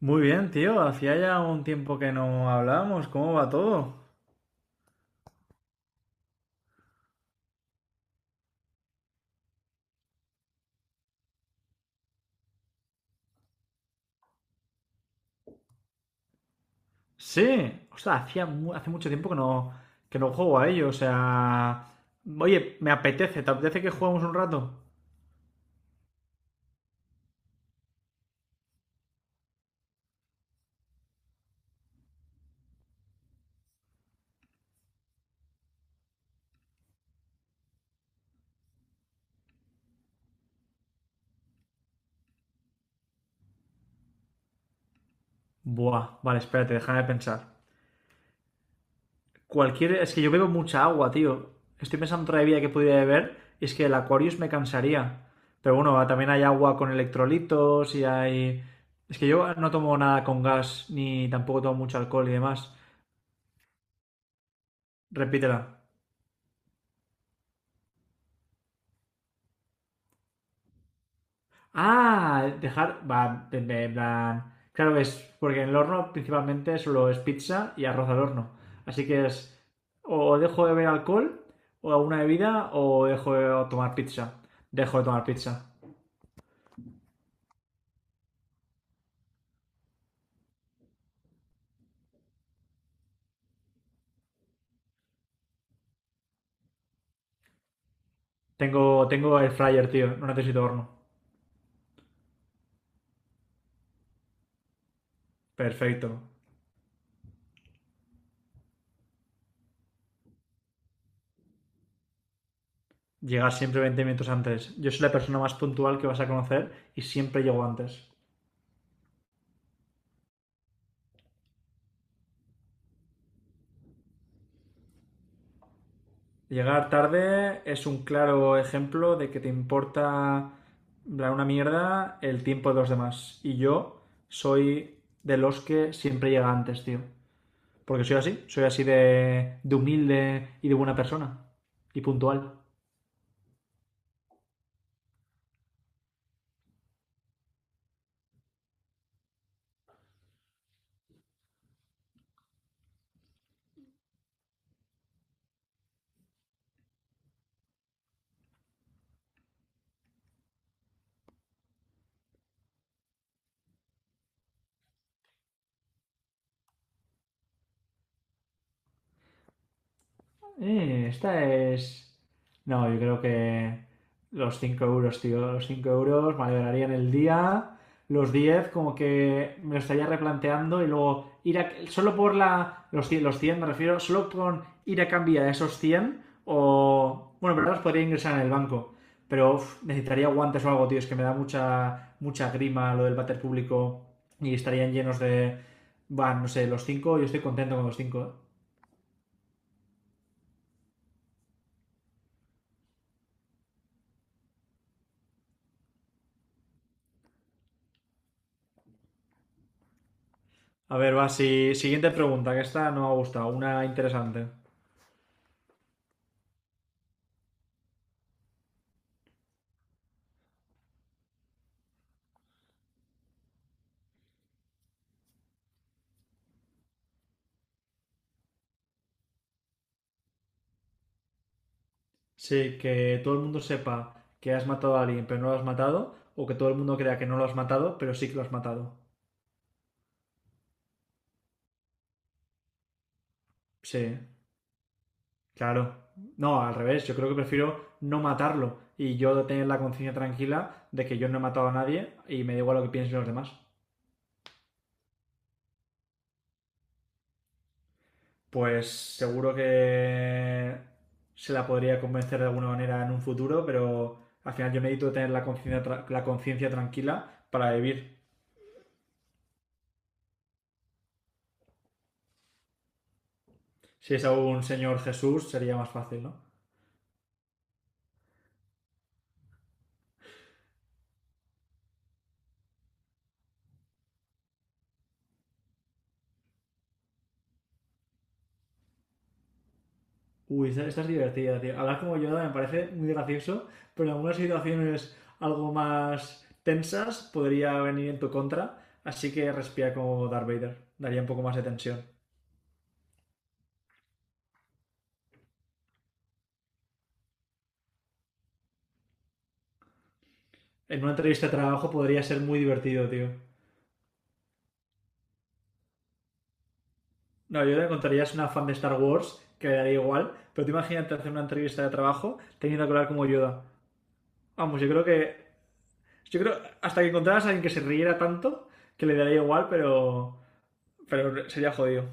Muy bien, tío. Hacía ya un tiempo que no hablábamos. ¿Cómo va todo? Sí. O sea, hace mucho tiempo que no juego a ello. O sea... Oye, me apetece. ¿Te apetece que juguemos un rato? Buah, vale, espérate, déjame pensar. Cualquier... Es que yo bebo mucha agua, tío. Estoy pensando otra bebida que pudiera beber y es que el Aquarius me cansaría. Pero bueno, también hay agua con electrolitos y hay... Es que yo no tomo nada con gas ni tampoco tomo mucho alcohol y demás. Repítela. Ah, dejar. Va, en plan. Claro es. Porque en el horno principalmente solo es pizza y arroz al horno. Así que es. O dejo de beber alcohol, o alguna bebida, o dejo de tomar pizza. Dejo de tomar pizza. Tengo el fryer, tío. No necesito horno. Perfecto. Llegar siempre 20 minutos antes. Yo soy la persona más puntual que vas a conocer y siempre llego antes. Llegar tarde es un claro ejemplo de que te importa una mierda el tiempo de los demás. Y yo soy de los que siempre llega antes, tío. Porque soy así de humilde y de buena persona. Y puntual. Esta es... No, yo creo que los 5 euros, tío. Los 5 euros me alegrarían el día. Los 10 como que me lo estaría replanteando y luego ir a... Solo por la... Los cien me refiero. Solo con ir a cambiar esos 100 o... Bueno, pero los podría ingresar en el banco. Pero uf, necesitaría guantes o algo, tío. Es que me da mucha, mucha grima lo del váter público y estarían llenos de... Van, no sé, los cinco. Yo estoy contento con los 5. A ver, va, siguiente pregunta, que esta no me ha gustado, una interesante. Sí, que todo el mundo sepa que has matado a alguien pero no lo has matado, o que todo el mundo crea que no lo has matado pero sí que lo has matado. Sí, claro. No, al revés, yo creo que prefiero no matarlo y yo tener la conciencia tranquila de que yo no he matado a nadie y me da igual lo que piensen los demás. Pues seguro que se la podría convencer de alguna manera en un futuro, pero al final yo necesito tener la conciencia tranquila para vivir. Si es algún señor Jesús, sería más fácil, ¿no? Uy, esta es divertida, tío. Hablar como Yoda me parece muy gracioso, pero en algunas situaciones algo más tensas podría venir en tu contra, así que respira como Darth Vader. Daría un poco más de tensión. En una entrevista de trabajo podría ser muy divertido, tío. No, yo le contarías una fan de Star Wars que le daría igual, pero tú imagínate hacer una entrevista de trabajo teniendo que hablar como Yoda. Vamos, yo creo que. Yo creo hasta que encontraras a alguien que se riera tanto que le daría igual, pero sería jodido.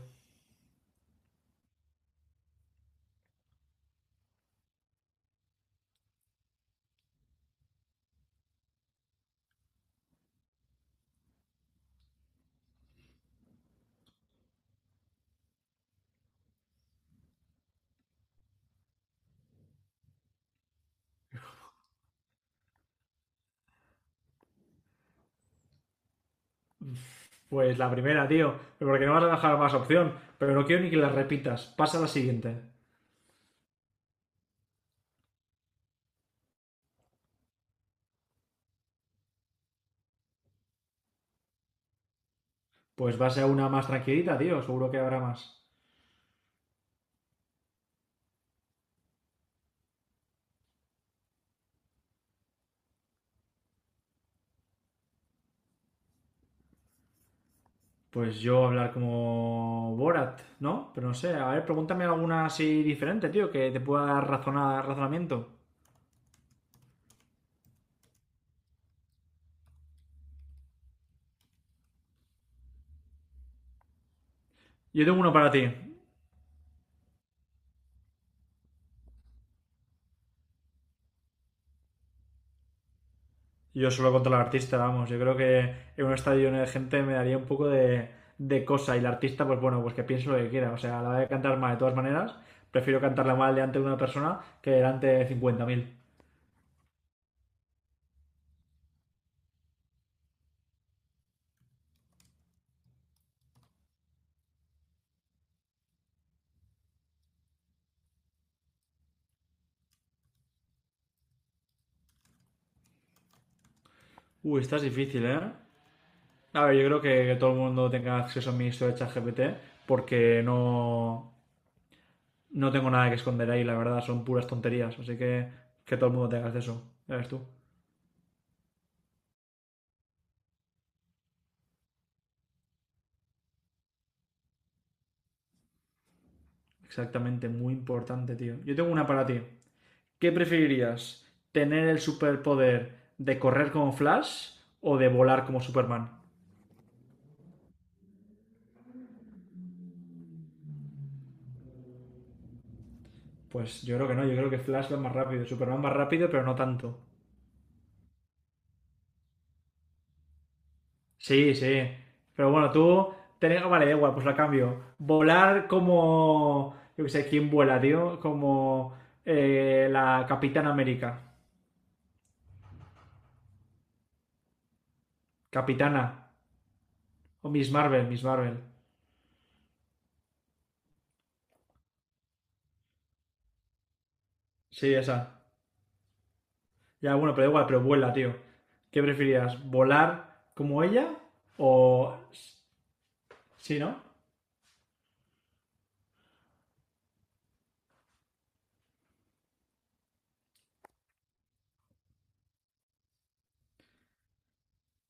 Pues la primera, tío. Pero porque no vas a dejar más opción. Pero no quiero ni que la repitas. Pasa a la siguiente. Pues va a ser una más tranquilita, tío. Seguro que habrá más. Pues yo hablar como Borat, ¿no? Pero no sé. A ver, pregúntame alguna así diferente, tío, que te pueda dar razonamiento. Yo tengo uno para ti. Yo solo contra el artista, vamos. Yo creo que en un estadio lleno de gente me daría un poco de cosa y el artista, pues bueno, pues que piense lo que quiera. O sea, a la hora de cantar mal de todas maneras, prefiero cantarla mal delante de una persona que delante de 50.000. Uy, esta es difícil, ¿eh? A ver, yo creo que todo el mundo tenga acceso a mi historia de ChatGPT porque no tengo nada que esconder ahí, la verdad, son puras tonterías. Así que todo el mundo tenga acceso. Ya ves tú. Exactamente, muy importante, tío. Yo tengo una para ti. ¿Qué preferirías? ¿Tener el superpoder de correr como Flash o de volar como Superman? Pues yo creo que no, yo creo que Flash va más rápido, Superman más rápido, pero no tanto. Sí, sí. Pero bueno, tú... Vale, da igual, pues la cambio. Volar como... Yo qué sé, ¿quién vuela, tío? Como la Capitana América. Capitana. O Miss Marvel, Miss Marvel. Sí, esa. Ya, bueno, pero da igual, pero vuela, tío. ¿Qué preferirías? ¿Volar como ella o... Sí, ¿no?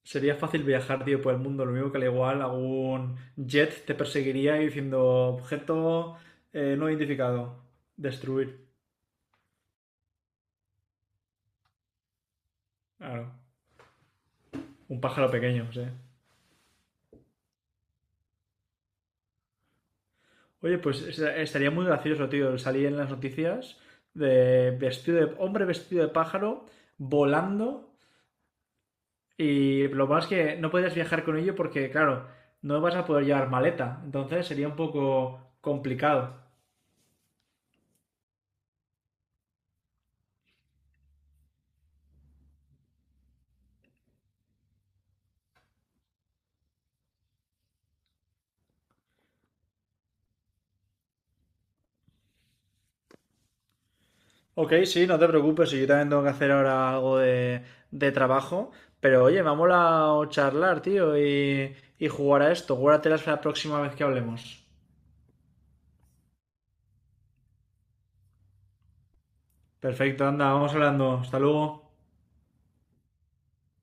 Sería fácil viajar, tío, por el mundo. Lo mismo que al igual algún jet te perseguiría y diciendo objeto no identificado. Destruir. Claro. Un pájaro pequeño, sí. Oye, pues estaría muy gracioso, tío, salir en las noticias de vestido de hombre vestido de pájaro volando y lo más que no puedes viajar con ello porque, claro, no vas a poder llevar maleta. Entonces sería un poco complicado. Ok, sí, no te preocupes, si yo también tengo que hacer ahora algo de trabajo, pero oye, me ha molado charlar, tío, y jugar a esto, guárdatelas para la próxima vez que hablemos. Perfecto, anda, vamos hablando, hasta luego.